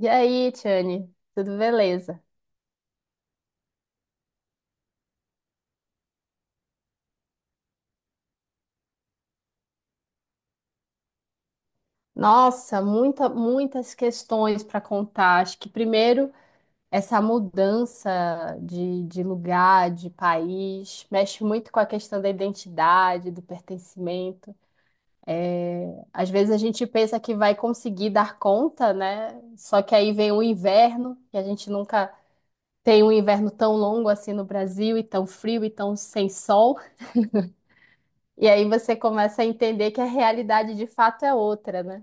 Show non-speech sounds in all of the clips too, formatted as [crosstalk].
E aí, Tiane, tudo beleza? Nossa, muitas questões para contar. Acho que primeiro essa mudança de lugar, de país, mexe muito com a questão da identidade, do pertencimento. Às vezes a gente pensa que vai conseguir dar conta, né? Só que aí vem o inverno, que a gente nunca tem um inverno tão longo assim no Brasil, e tão frio, e tão sem sol. E aí você começa a entender que a realidade de fato é outra, né?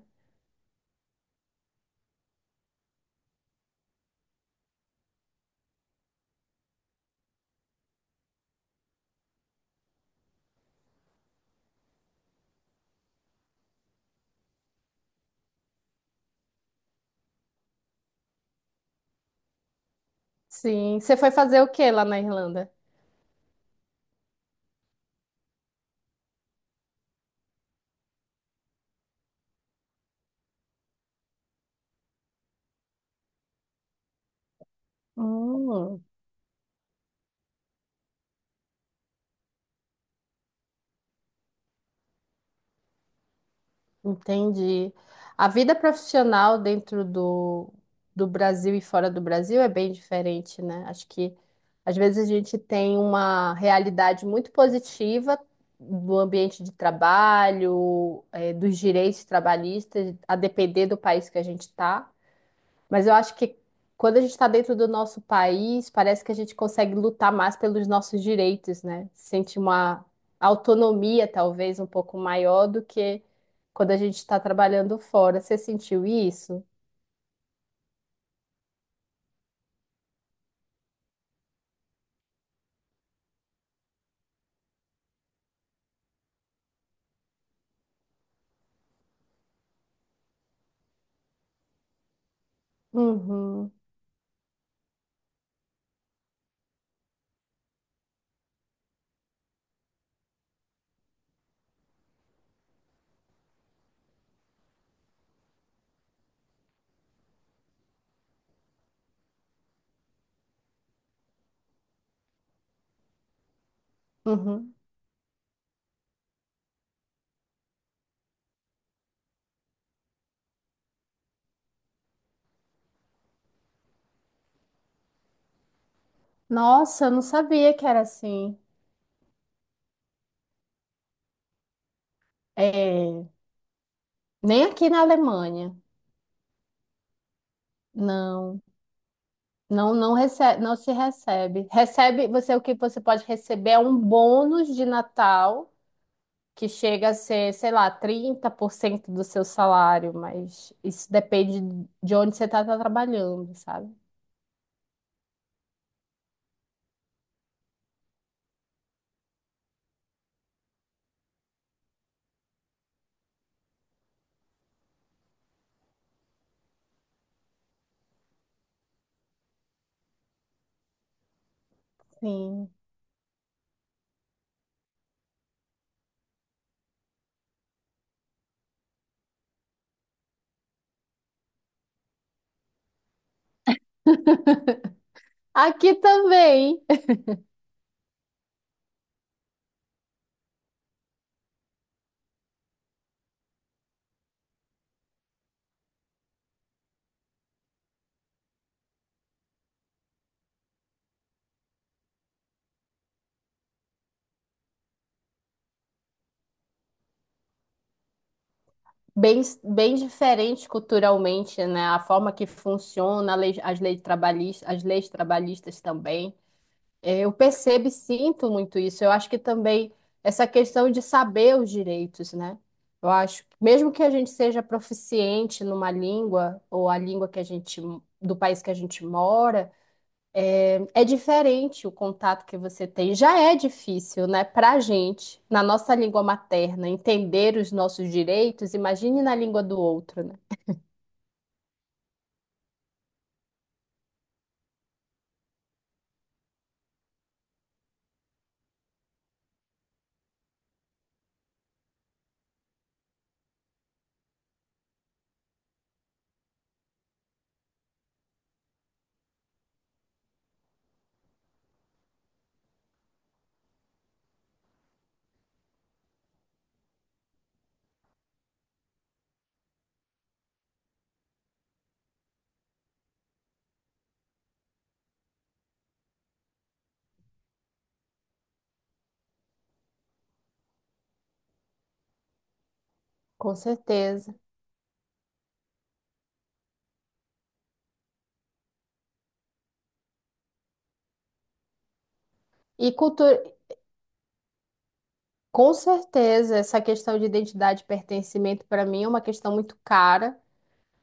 Sim. Você foi fazer o que lá na Irlanda? Hum. Entendi. A vida profissional do Brasil e fora do Brasil é bem diferente, né? Acho que às vezes a gente tem uma realidade muito positiva do ambiente de trabalho, dos direitos trabalhistas, a depender do país que a gente está. Mas eu acho que quando a gente está dentro do nosso país, parece que a gente consegue lutar mais pelos nossos direitos, né? Sente uma autonomia, talvez, um pouco maior do que quando a gente está trabalhando fora. Você sentiu isso? Uhum, uhum. Nossa, eu não sabia que era assim. É, nem aqui na Alemanha. Não, não recebe, não se recebe. Recebe, você o que você pode receber é um bônus de Natal, que chega a ser, sei lá, 30% do seu salário, mas isso depende de onde você está trabalhando, sabe? Sim. Aqui também, bem diferente culturalmente, né? A forma que funciona as leis trabalhistas também. É, eu percebo e sinto muito isso. Eu acho que também essa questão de saber os direitos, né? Eu acho que mesmo que a gente seja proficiente numa língua ou a língua que a gente do país que a gente mora, é diferente o contato que você tem. Já é difícil, né, pra gente, na nossa língua materna, entender os nossos direitos, imagine na língua do outro, né? Com certeza. E cultura, com certeza, essa questão de identidade e pertencimento para mim é uma questão muito cara,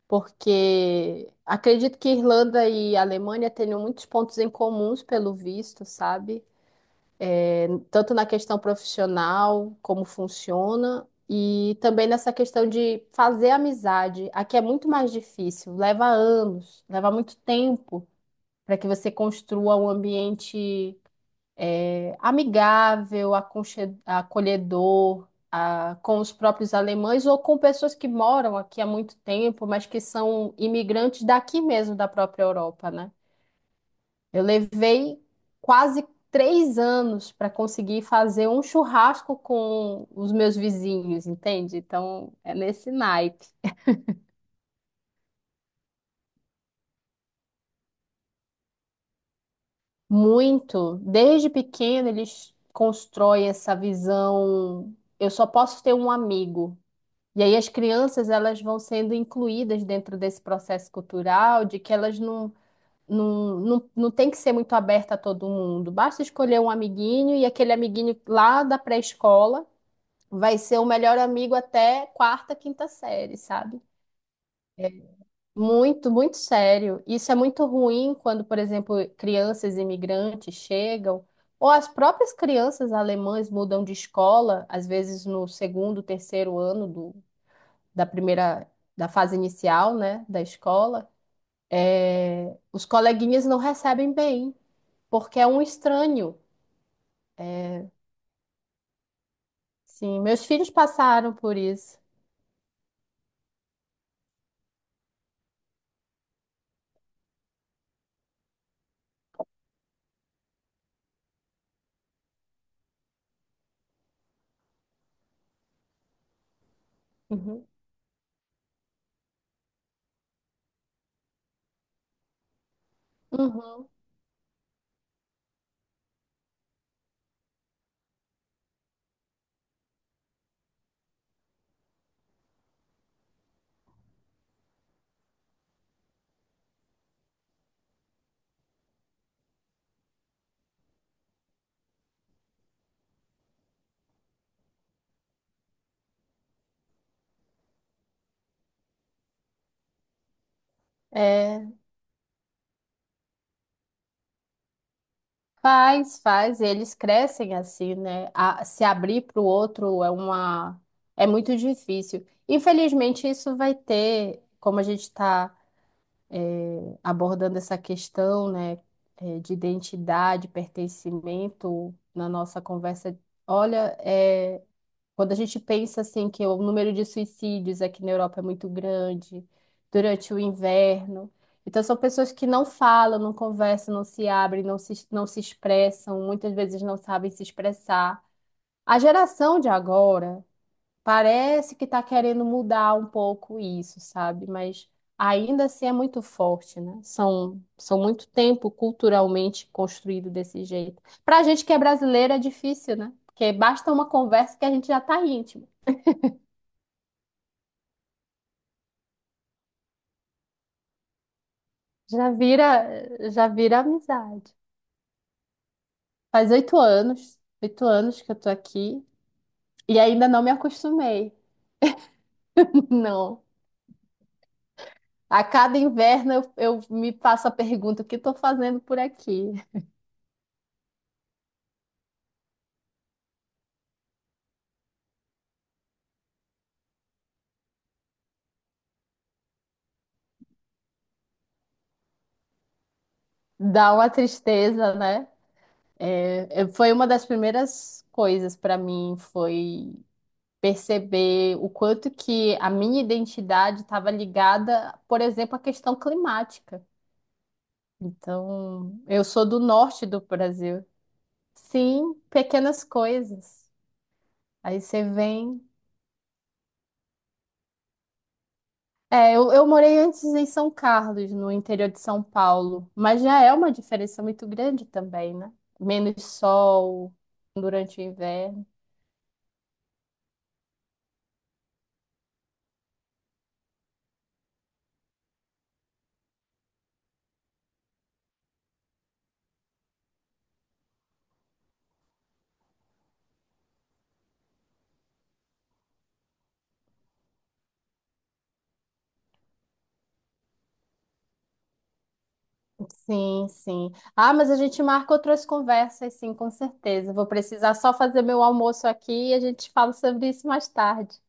porque acredito que Irlanda e Alemanha tenham muitos pontos em comuns pelo visto, sabe? Tanto na questão profissional, como funciona, e também nessa questão de fazer amizade. Aqui é muito mais difícil, leva anos, leva muito tempo para que você construa um ambiente amigável, acolhedor, com os próprios alemães ou com pessoas que moram aqui há muito tempo, mas que são imigrantes daqui mesmo, da própria Europa, né? Eu levei quase 3 anos para conseguir fazer um churrasco com os meus vizinhos, entende? Então, é nesse naipe. Muito. Desde pequeno, eles constroem essa visão. Eu só posso ter um amigo. E aí as crianças elas vão sendo incluídas dentro desse processo cultural, de que elas não tem que ser muito aberta a todo mundo. Basta escolher um amiguinho e aquele amiguinho lá da pré-escola vai ser o melhor amigo até quarta, quinta série, sabe? Muito, muito sério. Isso é muito ruim quando, por exemplo, crianças imigrantes chegam, ou as próprias crianças alemãs mudam de escola, às vezes no segundo, terceiro ano do da primeira, da fase inicial, né, da escola, é, os coleguinhas não recebem bem, porque é um estranho. Sim, meus filhos passaram por isso. Uhum. Uhum. É, faz, faz, eles crescem assim, né? A- se abrir para o outro é é muito difícil. Infelizmente, isso vai ter, como a gente está abordando essa questão, né, de identidade, pertencimento na nossa conversa. Olha, quando a gente pensa assim que o número de suicídios aqui na Europa é muito grande durante o inverno, então são pessoas que não falam, não conversam, não se abrem, não se expressam, muitas vezes não sabem se expressar. A geração de agora parece que está querendo mudar um pouco isso, sabe? Mas ainda assim é muito forte, né? São, são muito tempo culturalmente construído desse jeito. Para a gente que é brasileira é difícil, né? Porque basta uma conversa que a gente já está íntimo. Já vira amizade. Faz 8 anos, 8 anos que eu tô aqui e ainda não me acostumei. [laughs] Não. A cada inverno eu me faço a pergunta: o que estou fazendo por aqui? Dá uma tristeza, né? Foi uma das primeiras coisas para mim, foi perceber o quanto que a minha identidade estava ligada, por exemplo, à questão climática. Então, eu sou do norte do Brasil. Sim, pequenas coisas. Aí você vem. É, eu morei antes em São Carlos, no interior de São Paulo, mas já é uma diferença muito grande também, né? Menos sol durante o inverno. Sim, sim. Ah, mas a gente marca outras conversas, sim, com certeza. Vou precisar só fazer meu almoço aqui e a gente fala sobre isso mais tarde.